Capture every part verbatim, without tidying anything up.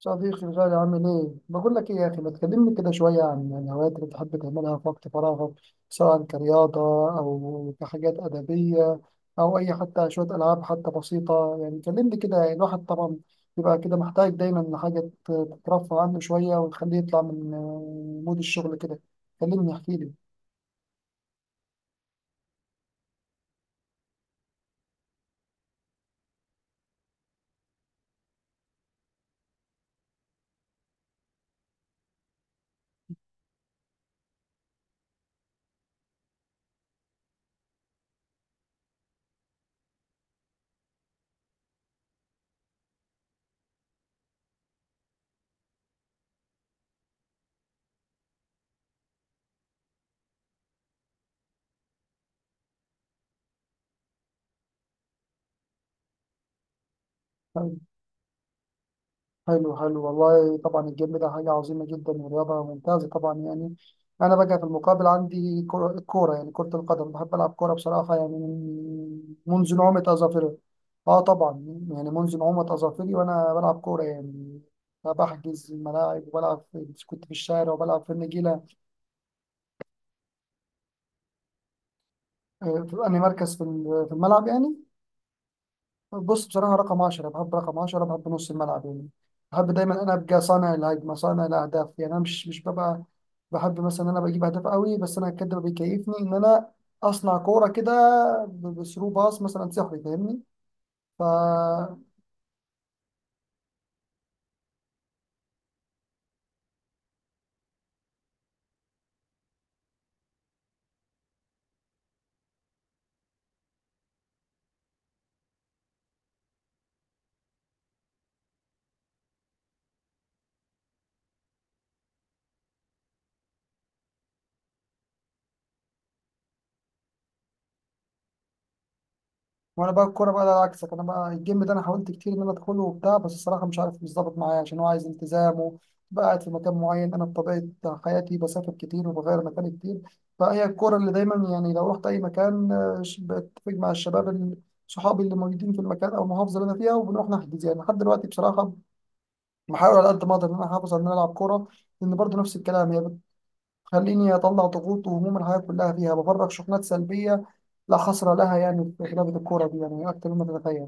صديقي الغالي عامل ايه؟ بقول لك ايه يا اخي ما تكلمني كده شويه عن عن الهوايات اللي بتحب تعملها في وقت فراغك، سواء كرياضه او كحاجات ادبيه او اي حتى شويه العاب حتى بسيطه. يعني كلمني كده. يعني الواحد طبعا بيبقى كده محتاج دايما لحاجه ت- تترفه عنه شويه وتخليه يطلع من آه، مود الشغل كده. كلمني احكي لي. حلو حلو، والله طبعا الجيم ده حاجة عظيمة جدا ورياضة ممتازة طبعا يعني. أنا بقى في المقابل عندي كرة الكورة، يعني كرة القدم، بحب ألعب كورة بصراحة يعني من منذ نعومة أظافري. أه طبعا، يعني منذ نعومة أظافري وأنا بلعب كورة يعني، بحجز الملاعب وبلعب في- كنت في الشارع وبلعب في النجيلة. آه، في أنهي مركز في ال- في الملعب يعني؟ بص بصراحة رقم عشرة، بحب رقم عشرة، بحب نص الملعب يعني. بحب دايما أنا أبقى صانع الهجمة، صانع الأهداف. يعني أنا مش مش ببقى بحب مثلا إن أنا بجيب أهداف قوي، بس أنا كده بيكيفني إن أنا أصنع كورة كده، ب- بثرو باص مثلا سحري فاهمني. ف وانا بقى الكوره بقى ده عكسك. انا بقى الجيم ده انا حاولت كتير ان انا ادخله وبتاع، بس الصراحه مش عارف، مش ظابط معايا عشان هو عايز التزام وبقى قاعد في مكان معين. انا بطبيعه حياتي بسافر كتير وبغير مكان كتير، فهي الكوره اللي دايما يعني لو رحت اي مكان آه، ش- بتفق مع الشباب ال- صحابي اللي موجودين في المكان او المحافظه اللي انا فيها، وبنروح نحجز. يعني لحد دلوقتي بصراحه بحاول على قد ما اقدر ان انا احافظ على ان انا العب كوره، لان برضه نفس الكلام هي بتخليني اطلع ضغوط وهموم الحياه كلها فيها، بفرغ شحنات سلبيه لا حصر لها يعني في لعبة الكورة دي، يعني أكتر مما تتخيل.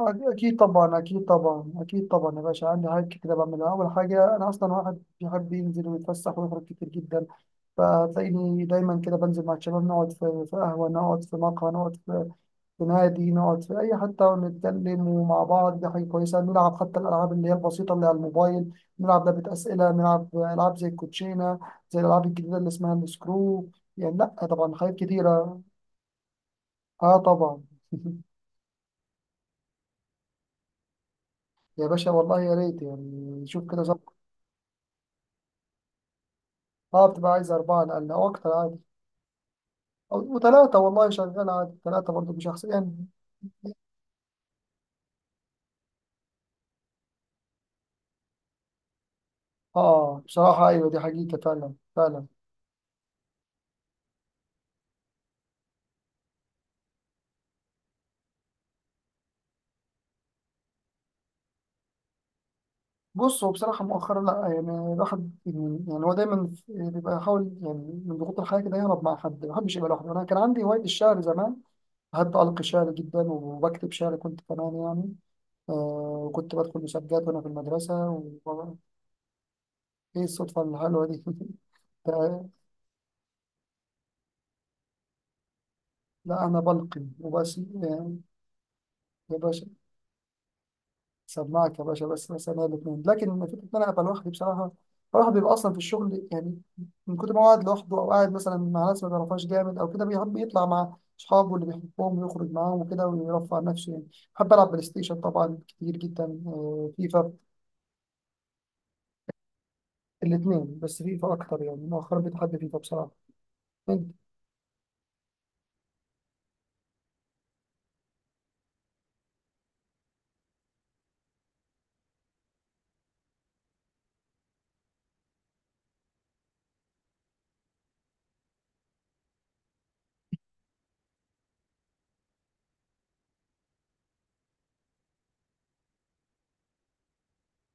أكيد طبعا، أكيد طبعا، أكيد طبعا يا باشا. عندي حاجات كتير بعملها. أول حاجة أنا أصلا واحد بيحب ينزل ويتفسح ويخرج كتير جدا، فتلاقيني دايما كده بنزل مع الشباب نقعد في في قهوة، نقعد في مقهى، نقعد في في نادي، نقعد في أي حتة ونتكلم ومع بعض. دي حاجة كويسة. نلعب حتى الألعاب اللي هي البسيطة اللي على الموبايل، نلعب لعبة أسئلة، نلعب ألعاب زي الكوتشينة، زي الألعاب الجديدة اللي اسمها السكرو. يعني لأ طبعا حاجات كتيرة. آه طبعا. يا باشا والله يا ريت، يعني شوف كده. اه بتبقى عايز أربعة، لأقل أو أكتر عادي. أو وتلاتة والله شغال عادي، تلاتة برضه مش أحسن يعني. اه بصراحة أيوة دي حقيقة فعلا فعلا. بص هو بصراحة مؤخرا لأ، يعني الواحد يعني يعني هو دايما بيبقى يحاول يعني من ضغوط الحياة كده يهرب مع حد، ما بحبش يبقى لوحده. أنا كان عندي هواية الشعر زمان، بحب ألقي شعر جدا، وبكتب شعر كنت كمان يعني. آه. وكنت بدخل مسابقات وأنا في المدرسة و... إيه الصدفة الحلوة دي! ده- لا أنا بلقي وبس يعني. يا باشا سماعك يا باشا بس، مثلا الاثنين. لكن لما فكره ان انا ابقى لوحدي بصراحه، الواحد بيبقى اصلا في الشغل يعني من كتر ما هو قاعد لوحده، او قاعد مثلا مع ناس ما بيعرفهاش جامد او كده، بيحب يطلع مع اصحابه اللي بيحبهم ويخرج معاهم وكده ويرفع عن نفسه يعني. بحب العب بلاي ستيشن طبعا كتير جدا، آه، فيفا. الاثنين، بس فيفا اكتر يعني مؤخرا، بتحب فيفا بصراحه انت.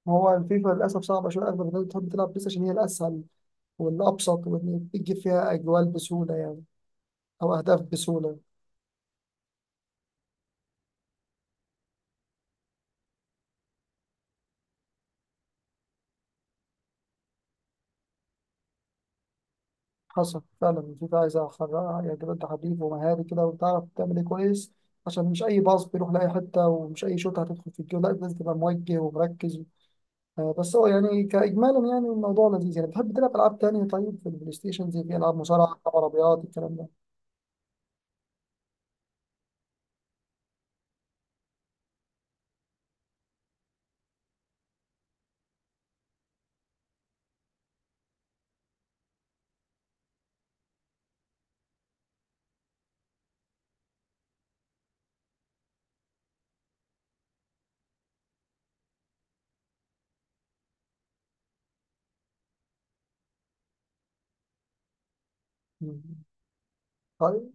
هو فيفا للاسف صعبه شويه، اغلب الناس بتحب تلعب بلاي ستيشن هي الاسهل والابسط، واللي بتجيب فيها اجوال بسهوله يعني، او اهداف بسهوله. حصل فعلا. الفيفا عايزة أخرجها يجب أنت حريف ومهاري كده وتعرف تعمل إيه كويس، عشان مش أي باص بيروح لأي حتة، ومش أي شوط هتدخل في الجول، لا لازم تبقى موجه ومركز. آه، بس هو يعني كإجمالا يعني الموضوع لذيذ يعني. بتحب تلعب ألعاب تانية طيب في البلاي ستيشن، زي في ألعاب مصارعة، ألعاب عربيات، الكلام ده؟ مم. طيب،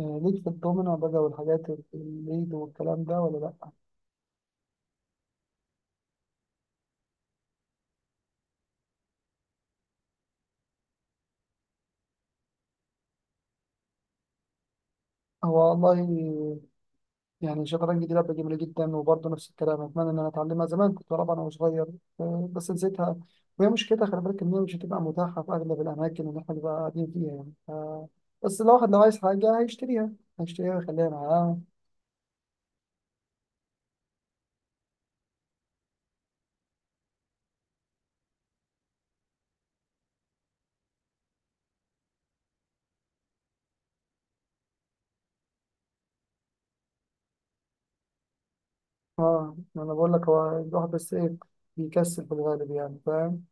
آه، ليك في الدومينو بقى والحاجات الليد والكلام ده ولا لأ؟ هو والله يعني الشطرنج دي لعبة جميلة جدا، وبرضه نفس الكلام أتمنى إن أنا أتعلمها. زمان كنت بلعبها وأنا صغير، آه، بس نسيتها. وهي مشكلتها خلي بالك إن هي مش هتبقى متاحة في أغلب الأماكن اللي إحنا بنبقى قاعدين فيها يعني. آه، بس الواحد لو عايز حاجة هيشتريها، هيشتريها ويخليها معاه. اه ما انا بقول لك هو الواحد بس ايه، بيكسل في الغالب يعني فاهم.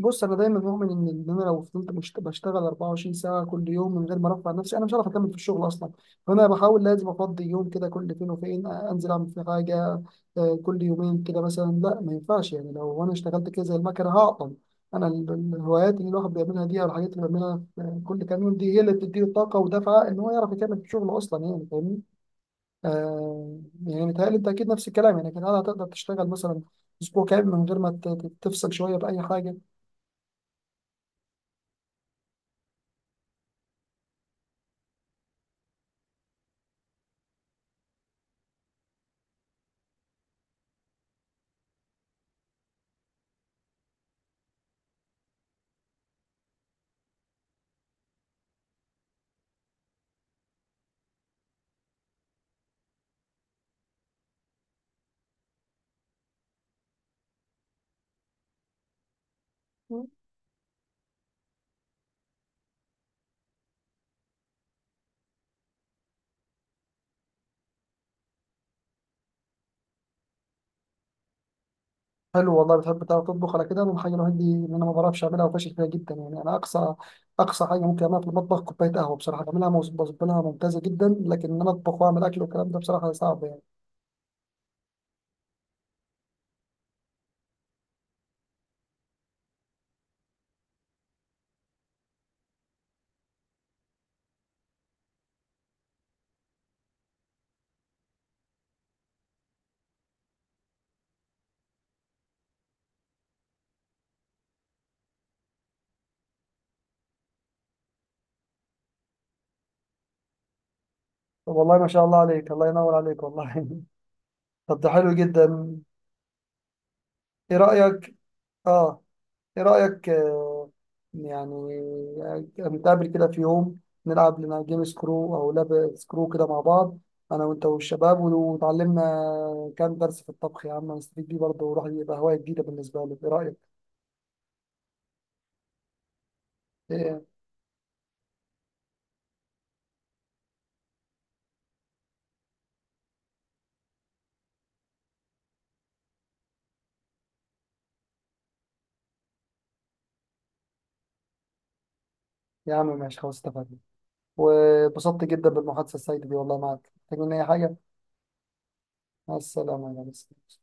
بص انا دايما مؤمن ان إن انا لو فضلت بشت- بشتغل أربعة وعشرين ساعه كل يوم من غير ما ارفع نفسي، انا مش هعرف اكمل في الشغل اصلا. فانا بحاول لازم افضي يوم كده كل فين وفين، آه، انزل اعمل في حاجه، آه، كل يومين كده مثلا. لا ما ينفعش يعني، لو انا اشتغلت كده زي المكنه هعطل. انا ال- ال- الهوايات اللي الواحد بيعملها دي، او الحاجات اللي بيعملها في كل كام يوم دي، هي اللي بتديله الطاقه ودفعه ان هو يعرف يكمل في شغله اصلا، يعني فاهمني. آه. يعني متهيألي انت اكيد نفس الكلام، يعني كان هتقدر تشتغل مثلا اسبوع كامل من غير ما ت- ت- تفصل شويه باي حاجه؟ حلو والله، بتحب تعرف تطبخ. على كده انا الحاجه الوحيده دي ان انا ما بعرفش اعملها وفاشل فيها جدا يعني. انا اقصى اقصى حاجه ممكن اعملها في المطبخ كوبايه قهوه بصراحه، بعملها مز- بظبطها ممتازه جدا، لكن ان انا اطبخ واعمل اكل والكلام ده بصراحه صعب يعني. طب والله ما شاء الله عليك، الله ينور عليك والله. طب ده حلو جدا. ايه رايك؟ اه ايه رأيك، آه، يعني آه، نتقابل كده في يوم، نلعب لنا جيم سكرو او لاب سكرو كده مع بعض، انا وانت والشباب، وتعلمنا كام درس في الطبخ يا عم، نستفيد بيه برضه وراح يبقى هواية جديدة بالنسبة لك. ايه رأيك؟ ايه يا عم ماشي خلاص اتفقنا. واتبسطت جدا بالمحادثة السعيدة دي والله. معاك محتاج مني اي حاجة. مع السلامة يا ريس.